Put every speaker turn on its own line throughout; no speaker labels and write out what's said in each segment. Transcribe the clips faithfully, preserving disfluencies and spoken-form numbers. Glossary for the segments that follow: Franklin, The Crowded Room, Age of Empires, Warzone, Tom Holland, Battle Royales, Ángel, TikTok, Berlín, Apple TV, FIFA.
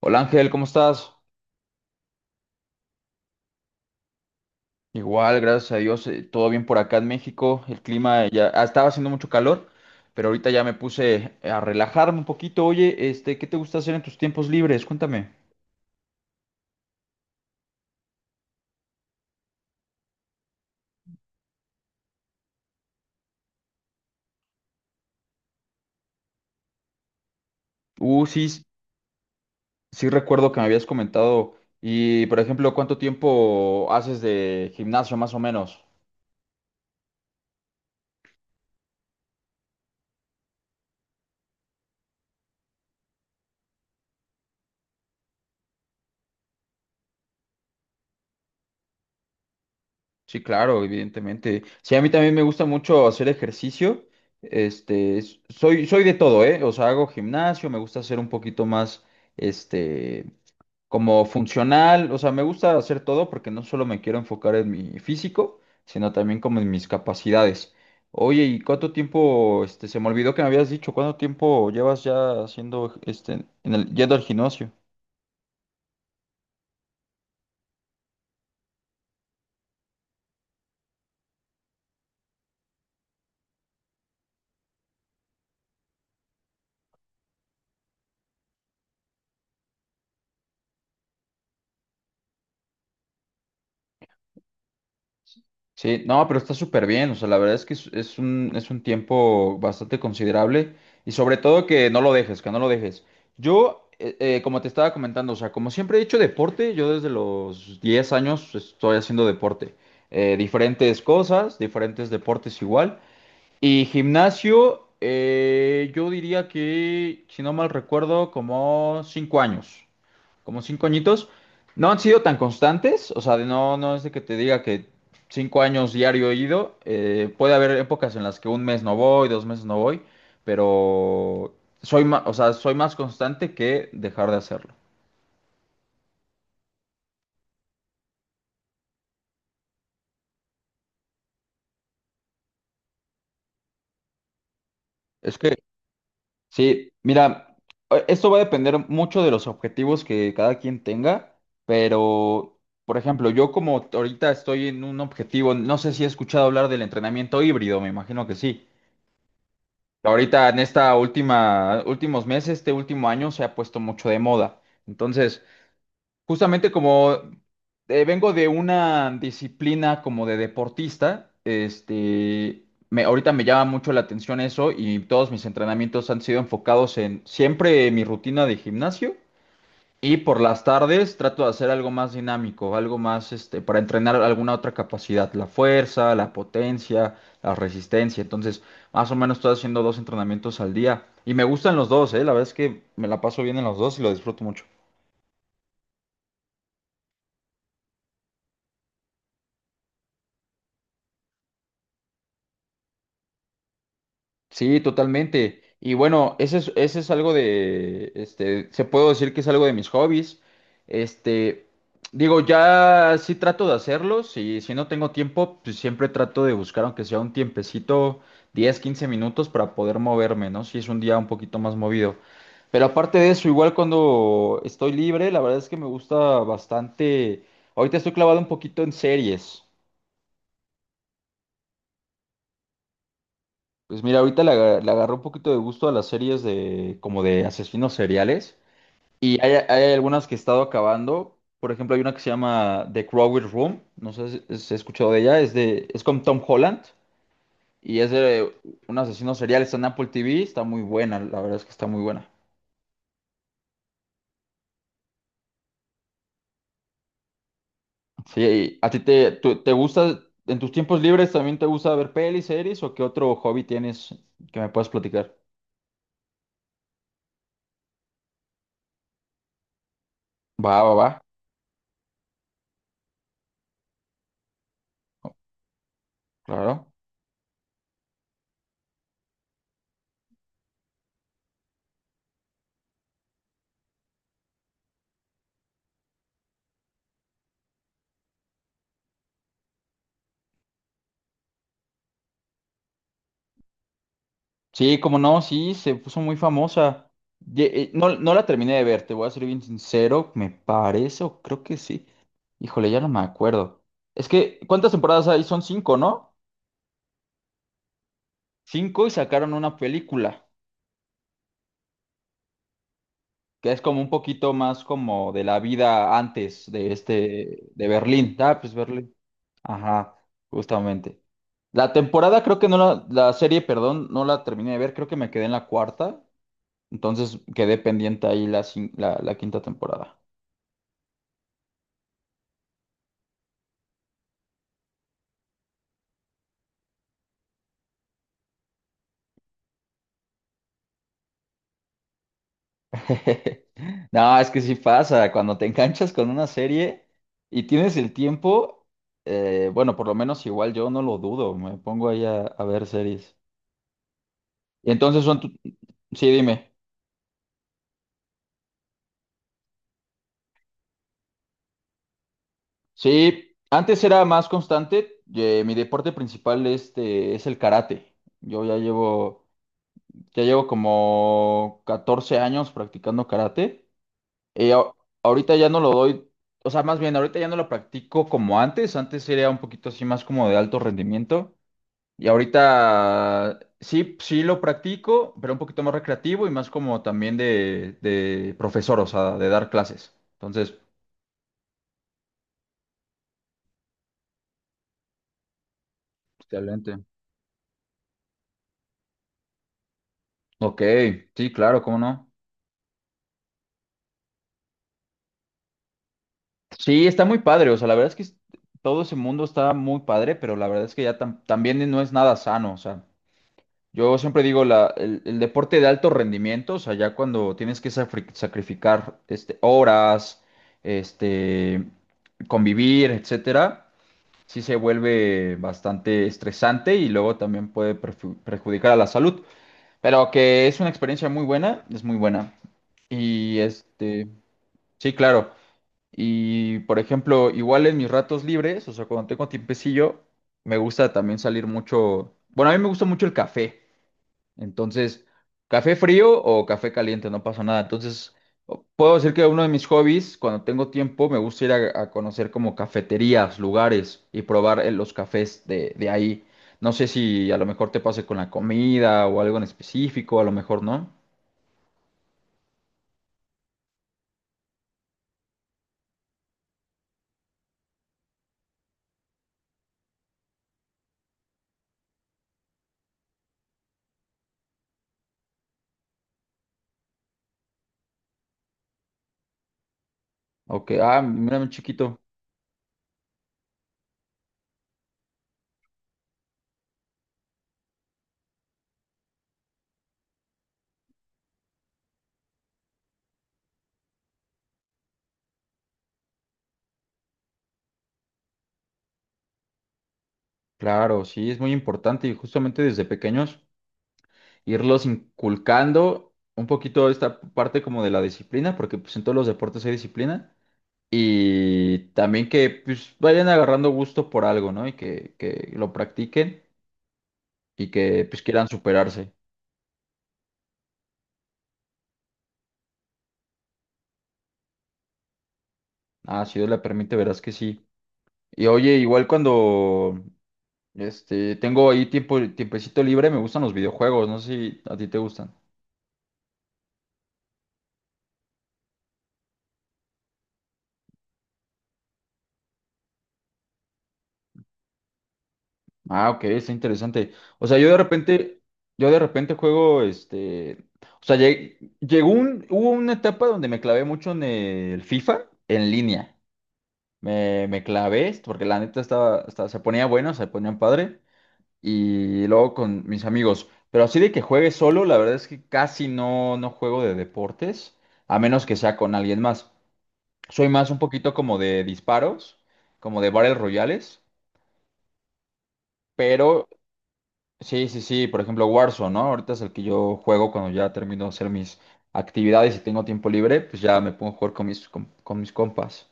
Hola Ángel, ¿cómo estás? Igual, gracias a Dios, eh, todo bien por acá en México. El clima eh, ya ah, estaba haciendo mucho calor, pero ahorita ya me puse a relajarme un poquito. Oye, este, ¿qué te gusta hacer en tus tiempos libres? Cuéntame. Uh, sí, sí recuerdo que me habías comentado. Y, por ejemplo, ¿cuánto tiempo haces de gimnasio más o menos? Sí, claro, evidentemente. Sí, a mí también me gusta mucho hacer ejercicio. Este, s- soy, soy de todo, ¿eh? O sea, hago gimnasio, me gusta hacer un poquito más. Este, como funcional, o sea, me gusta hacer todo porque no solo me quiero enfocar en mi físico, sino también como en mis capacidades. Oye, ¿y cuánto tiempo, este, se me olvidó que me habías dicho, cuánto tiempo llevas ya haciendo, este, en el, yendo al gimnasio? Sí, no, pero está súper bien, o sea, la verdad es que es, es un, es un tiempo bastante considerable y sobre todo que no lo dejes, que no lo dejes. Yo, eh, eh, como te estaba comentando, o sea, como siempre he hecho deporte, yo desde los diez años estoy haciendo deporte. Eh, diferentes cosas, diferentes deportes igual, y gimnasio, eh, yo diría que, si no mal recuerdo, como cinco años, como cinco añitos. No han sido tan constantes, o sea, de no, no es de que te diga que cinco años diario he ido. eh, puede haber épocas en las que un mes no voy, dos meses no voy, pero soy más, o sea, soy más constante que dejar de hacerlo. Es que. Sí, mira, eh, esto va a depender mucho de los objetivos que cada quien tenga, pero, por ejemplo, yo como ahorita estoy en un objetivo, no sé si he escuchado hablar del entrenamiento híbrido, me imagino que sí. Ahorita en esta última, últimos meses, este último año se ha puesto mucho de moda. Entonces, justamente como eh, vengo de una disciplina como de deportista, este, me, ahorita me llama mucho la atención eso y todos mis entrenamientos han sido enfocados en siempre mi rutina de gimnasio y por las tardes trato de hacer algo más dinámico, algo más este, para entrenar alguna otra capacidad, la fuerza, la potencia, la resistencia. Entonces, más o menos estoy haciendo dos entrenamientos al día y me gustan los dos, eh, la verdad es que me la paso bien en los dos y lo disfruto mucho. Sí, totalmente. Y bueno, ese es, ese es algo de, este, se puedo decir que es algo de mis hobbies. Este, digo, ya sí trato de hacerlos y si no tengo tiempo, pues siempre trato de buscar, aunque sea un tiempecito, diez, quince minutos para poder moverme, ¿no? Si es un día un poquito más movido. Pero aparte de eso, igual cuando estoy libre, la verdad es que me gusta bastante. Ahorita estoy clavado un poquito en series. Pues mira, ahorita le, aga- le agarró un poquito de gusto a las series de como de asesinos seriales. Y hay, hay algunas que he estado acabando. Por ejemplo, hay una que se llama The Crowded Room. No sé si si has escuchado de ella. Es de, es con Tom Holland. Y es de un asesino serial. Está en Apple T V. Está muy buena. La verdad es que está muy buena. Sí, y ¿a ti te, tú- te gusta, en tus tiempos libres también te gusta ver pelis, series o qué otro hobby tienes que me puedas platicar? Va, va, va. Claro. Sí, como no, sí, se puso muy famosa. Ye- eh, No, no la terminé de ver, te voy a ser bien sincero, me parece, o creo que sí. Híjole, ya no me acuerdo. Es que, ¿cuántas temporadas hay? Son cinco, ¿no? Cinco y sacaron una película, que es como un poquito más como de la vida antes de este, de Berlín. Ah, pues Berlín. Ajá, justamente. La temporada creo que no la, la serie, perdón, no la terminé de ver, creo que me quedé en la cuarta, entonces quedé pendiente ahí la, cin- la la quinta temporada. No, es que sí pasa, cuando te enganchas con una serie y tienes el tiempo, eh, bueno, por lo menos igual yo no lo dudo, me pongo ahí a, a, ver series. Y entonces son, tu- sí, dime, sí, antes era más constante, eh, mi deporte principal este es el karate. Yo ya llevo, ya llevo como catorce años practicando karate. Eh, a- Ahorita ya no lo doy, o sea, más bien, ahorita ya no lo practico como antes, antes era un poquito así más como de alto rendimiento, y ahorita sí, sí lo practico, pero un poquito más recreativo y más como también de, de profesor, o sea, de dar clases. Entonces, excelente. Ok, sí, claro, cómo no. Sí, está muy padre, o sea, la verdad es que es- todo ese mundo está muy padre, pero la verdad es que ya tam- también no es nada sano, o sea. Yo siempre digo la, el, el deporte de alto rendimiento, o sea, ya cuando tienes que safri- sacrificar este, horas, este, convivir, etcétera, sí se vuelve bastante estresante y luego también puede perju- perjudicar a la salud. Pero que es una experiencia muy buena, es muy buena. Y este, sí, claro. Y por ejemplo, igual en mis ratos libres, o sea, cuando tengo tiempecillo, me gusta también salir mucho. Bueno, a mí me gusta mucho el café. Entonces, café frío o café caliente, no pasa nada. Entonces, o- puedo decir que uno de mis hobbies, cuando tengo tiempo, me gusta ir a, a, conocer como cafeterías, lugares y probar eh, los cafés de, de ahí. No sé si a lo mejor te pase con la comida o algo en específico, a lo mejor no. Ok, ah, mira, mi chiquito. Claro, sí, es muy importante y justamente desde pequeños irlos inculcando un poquito esta parte como de la disciplina, porque pues en todos los deportes hay disciplina. Y también que pues vayan agarrando gusto por algo, ¿no? Y que, que lo practiquen y que pues quieran superarse. Ah, si Dios le permite, verás que sí. Y oye, igual cuando este tengo ahí tiempo, tiempecito libre, me gustan los videojuegos, no sé si a ti te gustan. Ah, ok, está interesante. O sea, yo de repente, yo de repente juego este. O sea, lleg- llegó un, hubo una etapa donde me clavé mucho en el FIFA en línea. Me, me clavé, porque la neta estaba, estaba- se ponía bueno, se ponían padre. Y luego con mis amigos. Pero así de que juegue solo, la verdad es que casi no, no juego de deportes, a menos que sea con alguien más. Soy más un poquito como de disparos, como de Battle Royales. Pero sí, sí, sí, por ejemplo Warzone, ¿no? Ahorita es el que yo juego cuando ya termino de hacer mis actividades y tengo tiempo libre, pues ya me pongo a jugar con mis, con con mis compas.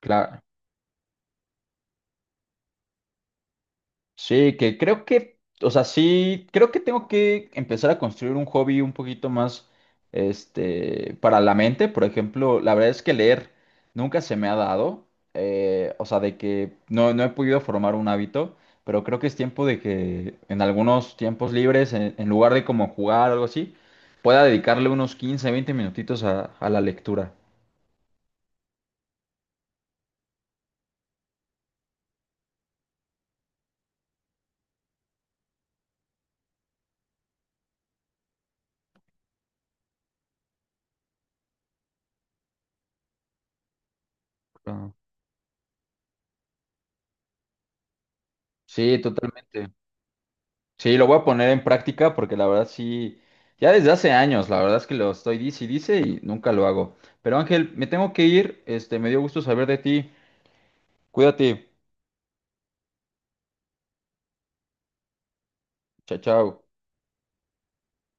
Claro. Sí, que creo que, o sea, sí, creo que tengo que empezar a construir un hobby un poquito más, este, para la mente. Por ejemplo, la verdad es que leer nunca se me ha dado, eh, o sea, de que no, no he podido formar un hábito, pero creo que es tiempo de que en algunos tiempos libres, en, en lugar de como jugar o algo así, pueda dedicarle unos quince, veinte minutitos a, a, la lectura. Ah. Sí, totalmente. Sí, lo voy a poner en práctica porque la verdad sí, ya desde hace años, la verdad es que lo estoy dice y dice y nunca lo hago. Pero Ángel, me tengo que ir, este, me dio gusto saber de ti. Cuídate. Chao, chao.